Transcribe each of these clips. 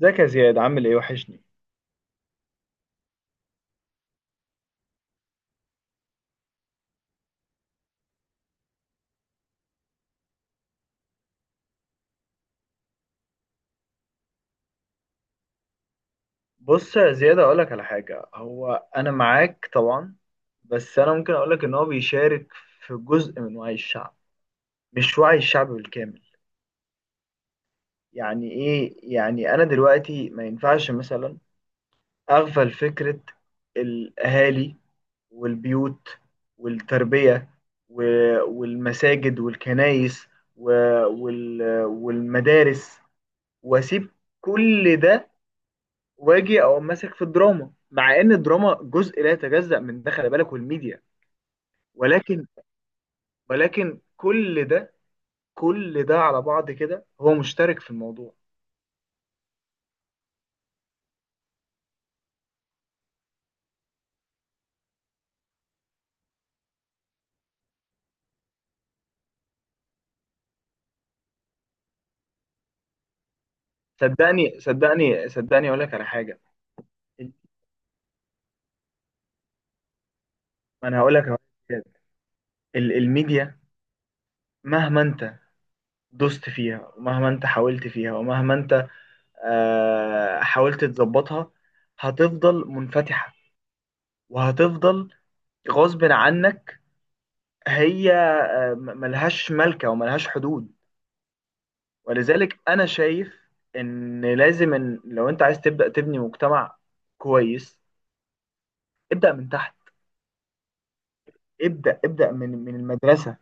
ازيك يا زياد، عامل ايه؟ وحشني. بص يا زياد اقولك على حاجة، هو انا معاك طبعا، بس انا ممكن اقولك ان هو بيشارك في جزء من وعي الشعب، مش وعي الشعب بالكامل. يعني ايه؟ يعني انا دلوقتي ما ينفعش مثلا اغفل فكرة الاهالي والبيوت والتربية والمساجد والكنائس والمدارس واسيب كل ده واجي اقوم ماسك في الدراما، مع ان الدراما جزء لا يتجزأ من ده، خلي بالك، والميديا. ولكن كل ده، كل ده على بعض كده هو مشترك في الموضوع. صدقني صدقني اقول لك على حاجه. ما انا هقول لك على حاجة. الميديا، مهما انت دوست فيها، ومهما انت حاولت فيها، ومهما انت حاولت تظبطها، هتفضل منفتحه، وهتفضل غصب عنك. هي ملهاش ملكه وملهاش حدود. ولذلك انا شايف ان لازم، إن لو انت عايز تبدا تبني مجتمع كويس، ابدا من تحت. ابدا، ابدا من المدرسه.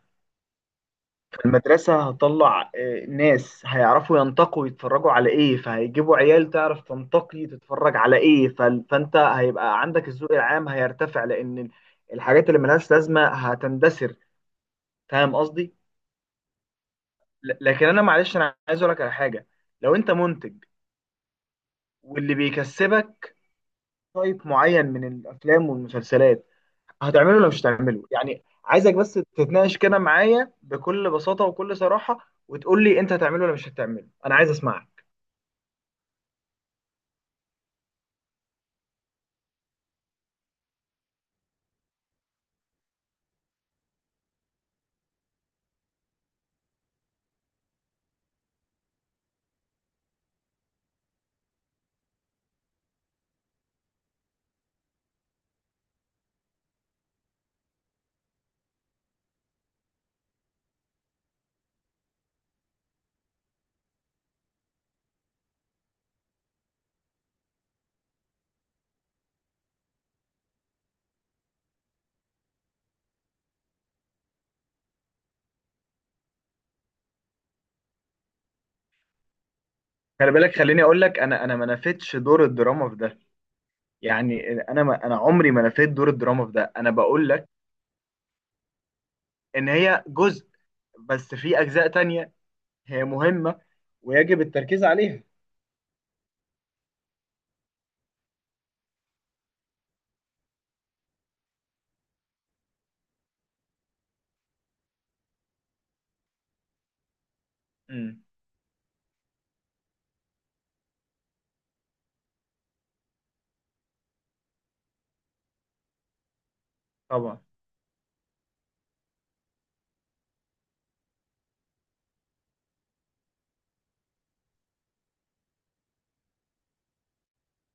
فالمدرسه هتطلع ناس هيعرفوا ينتقوا يتفرجوا على ايه، فهيجيبوا عيال تعرف تنتقي تتفرج على ايه، فانت هيبقى عندك الذوق العام، هيرتفع، لان الحاجات اللي ملهاش لازمه هتندثر. فاهم قصدي؟ لكن انا، معلش، انا عايز اقول لك على حاجه. لو انت منتج واللي بيكسبك تايب معين من الافلام والمسلسلات، هتعمله ولا مش هتعمله؟ يعني عايزك بس تتناقش كده معايا بكل بساطه وكل صراحه، وتقول لي انت هتعمله ولا مش هتعمله. انا عايز اسمعك. خلي بالك، خليني اقول لك، انا ما نفيتش دور الدراما في ده. يعني انا، ما انا عمري ما نفيت دور الدراما في ده، انا بقول لك ان هي جزء، بس في اجزاء تانية هي مهمه ويجب التركيز عليها. امم. طبعا.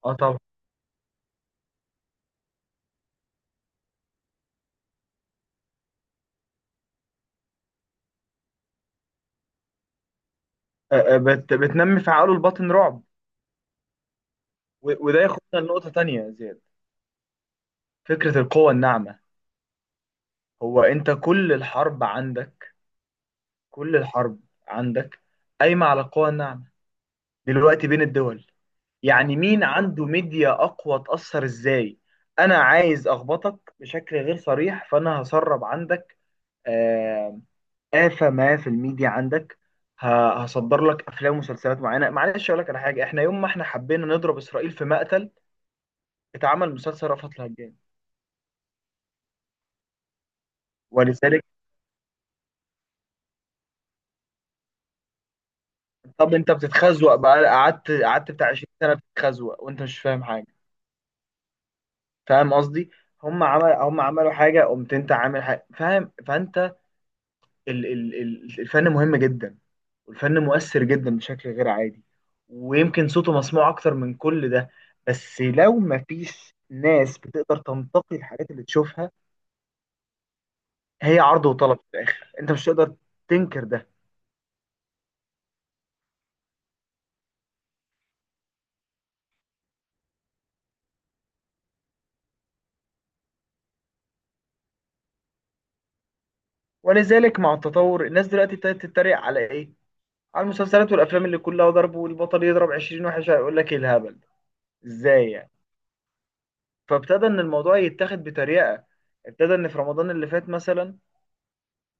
اه طبعا. آه، آه، بت بتنمي في عقله الباطن رعب. وده ياخدنا لنقطه تانية يا زياد، فكرة القوة الناعمة. هو انت كل الحرب عندك، كل الحرب عندك قايمة على القوة الناعمة دلوقتي بين الدول. يعني مين عنده ميديا اقوى، تأثر ازاي. انا عايز اخبطك بشكل غير صريح، فانا هسرب عندك آه، آفة ما في الميديا عندك. هصدر لك افلام ومسلسلات معينة. معلش اقول لك على حاجة، احنا يوم ما احنا حبينا نضرب اسرائيل في مقتل، اتعمل مسلسل رأفت الهجان. ولذلك، طب انت بتتخزوق بقى، قعدت بتاع 20 سنه بتتخزوق وانت مش فاهم حاجه. فاهم قصدي؟ هم عملوا حاجه، قمت انت عامل حاجه، فاهم؟ فانت الفن مهم جدا، والفن مؤثر جدا بشكل غير عادي، ويمكن صوته مسموع اكتر من كل ده. بس لو ما فيش ناس بتقدر تنتقي الحاجات اللي تشوفها، هي عرض وطلب في الاخر، انت مش هتقدر تنكر ده. ولذلك مع التطور، الناس دلوقتي ابتدت تتريق على ايه، على المسلسلات والافلام اللي كلها ضرب والبطل يضرب 20 واحد، هيقول لك ايه الهبل ده؟ ازاي يعني؟ فابتدى ان الموضوع يتاخد بطريقه. ابتدى ان في رمضان اللي فات مثلا،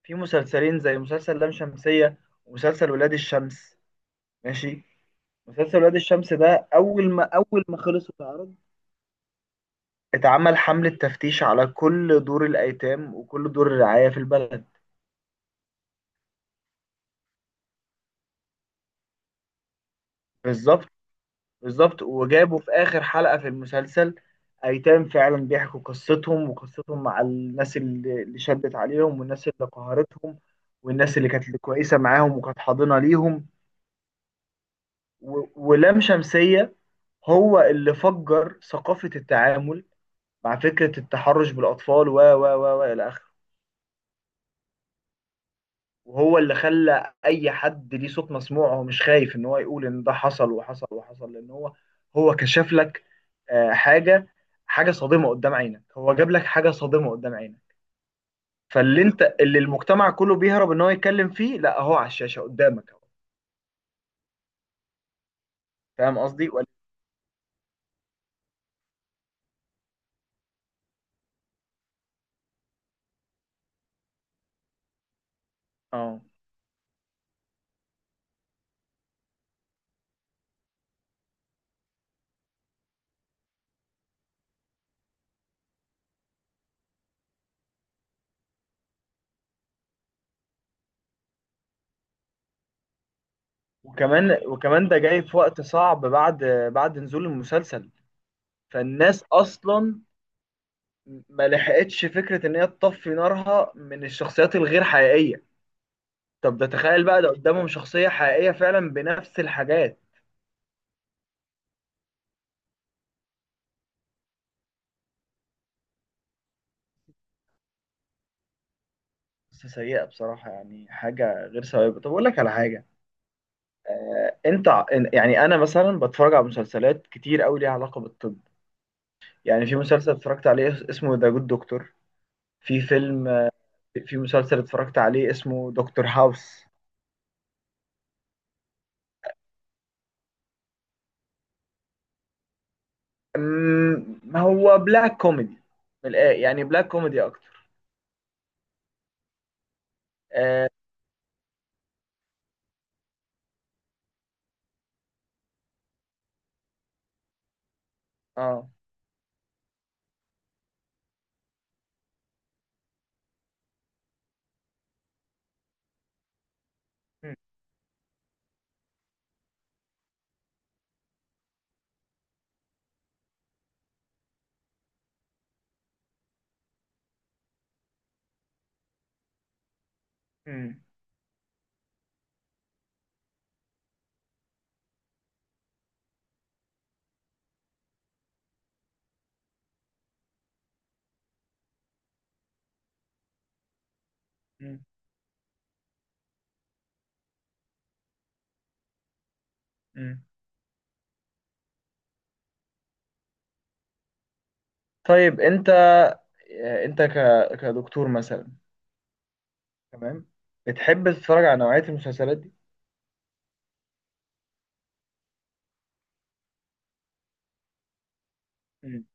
في مسلسلين، زي مسلسل لام شمسيه ومسلسل ولاد الشمس. ماشي. مسلسل ولاد الشمس ده، اول ما خلص واتعرض، اتعمل حمله تفتيش على كل دور الايتام وكل دور الرعايه في البلد. بالظبط. بالظبط، وجابوا في آخر حلقة في المسلسل أيتام فعلا بيحكوا قصتهم، وقصتهم مع الناس اللي شدت عليهم، والناس اللي قهرتهم، والناس اللي كانت كويسة معاهم وكانت حاضنة ليهم. ولام شمسية هو اللي فجر ثقافة التعامل مع فكرة التحرش بالأطفال و إلى آخره. وهو اللي خلى اي حد ليه صوت مسموع، هو مش خايف ان هو يقول ان ده حصل وحصل وحصل، لان هو، هو كشف لك آه، حاجه حاجه صادمه قدام عينك. هو جاب لك حاجه صادمه قدام عينك. فاللي انت، اللي المجتمع كله بيهرب ان هو يتكلم فيه، لا، هو على الشاشه قدامك اهو. فاهم قصدي ولا؟ اه. وكمان ده جاي في وقت صعب، بعد بعد نزول المسلسل. فالناس اصلا ما لحقتش فكره ان هي تطفي نارها من الشخصيات الغير حقيقيه، طب ده تخيل بقى ده قدامهم شخصية حقيقية فعلا بنفس الحاجات. بس سيئة بصراحة، يعني حاجة غير سوية. طب أقول لك على حاجة، آه أنت ع- إن- يعني أنا مثلا بتفرج على مسلسلات كتير أوي ليها علاقة بالطب. يعني في مسلسل اتفرجت عليه اسمه ذا جود دكتور. في فيلم، في مسلسل اتفرجت عليه اسمه دكتور هاوس. هو بلاك كوميدي، يعني بلاك كوميدي أكتر. آه, آه. م- م- م- م. طيب أنت، آه، أنت ك... كدكتور مثلا، تمام، بتحب تتفرج على نوعية المسلسلات دي؟ مم.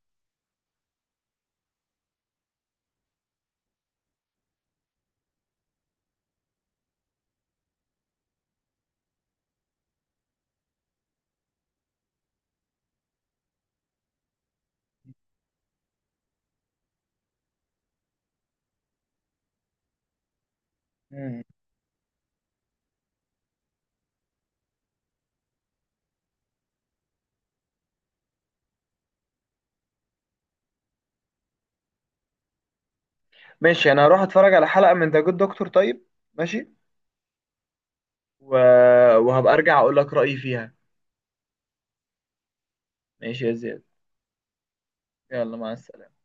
مم. ماشي، انا هروح اتفرج على حلقة من ذا جود دكتور. طيب، ماشي. و... وهبقى ارجع اقول لك رأيي فيها. ماشي يا زياد. يلا، مع السلامة.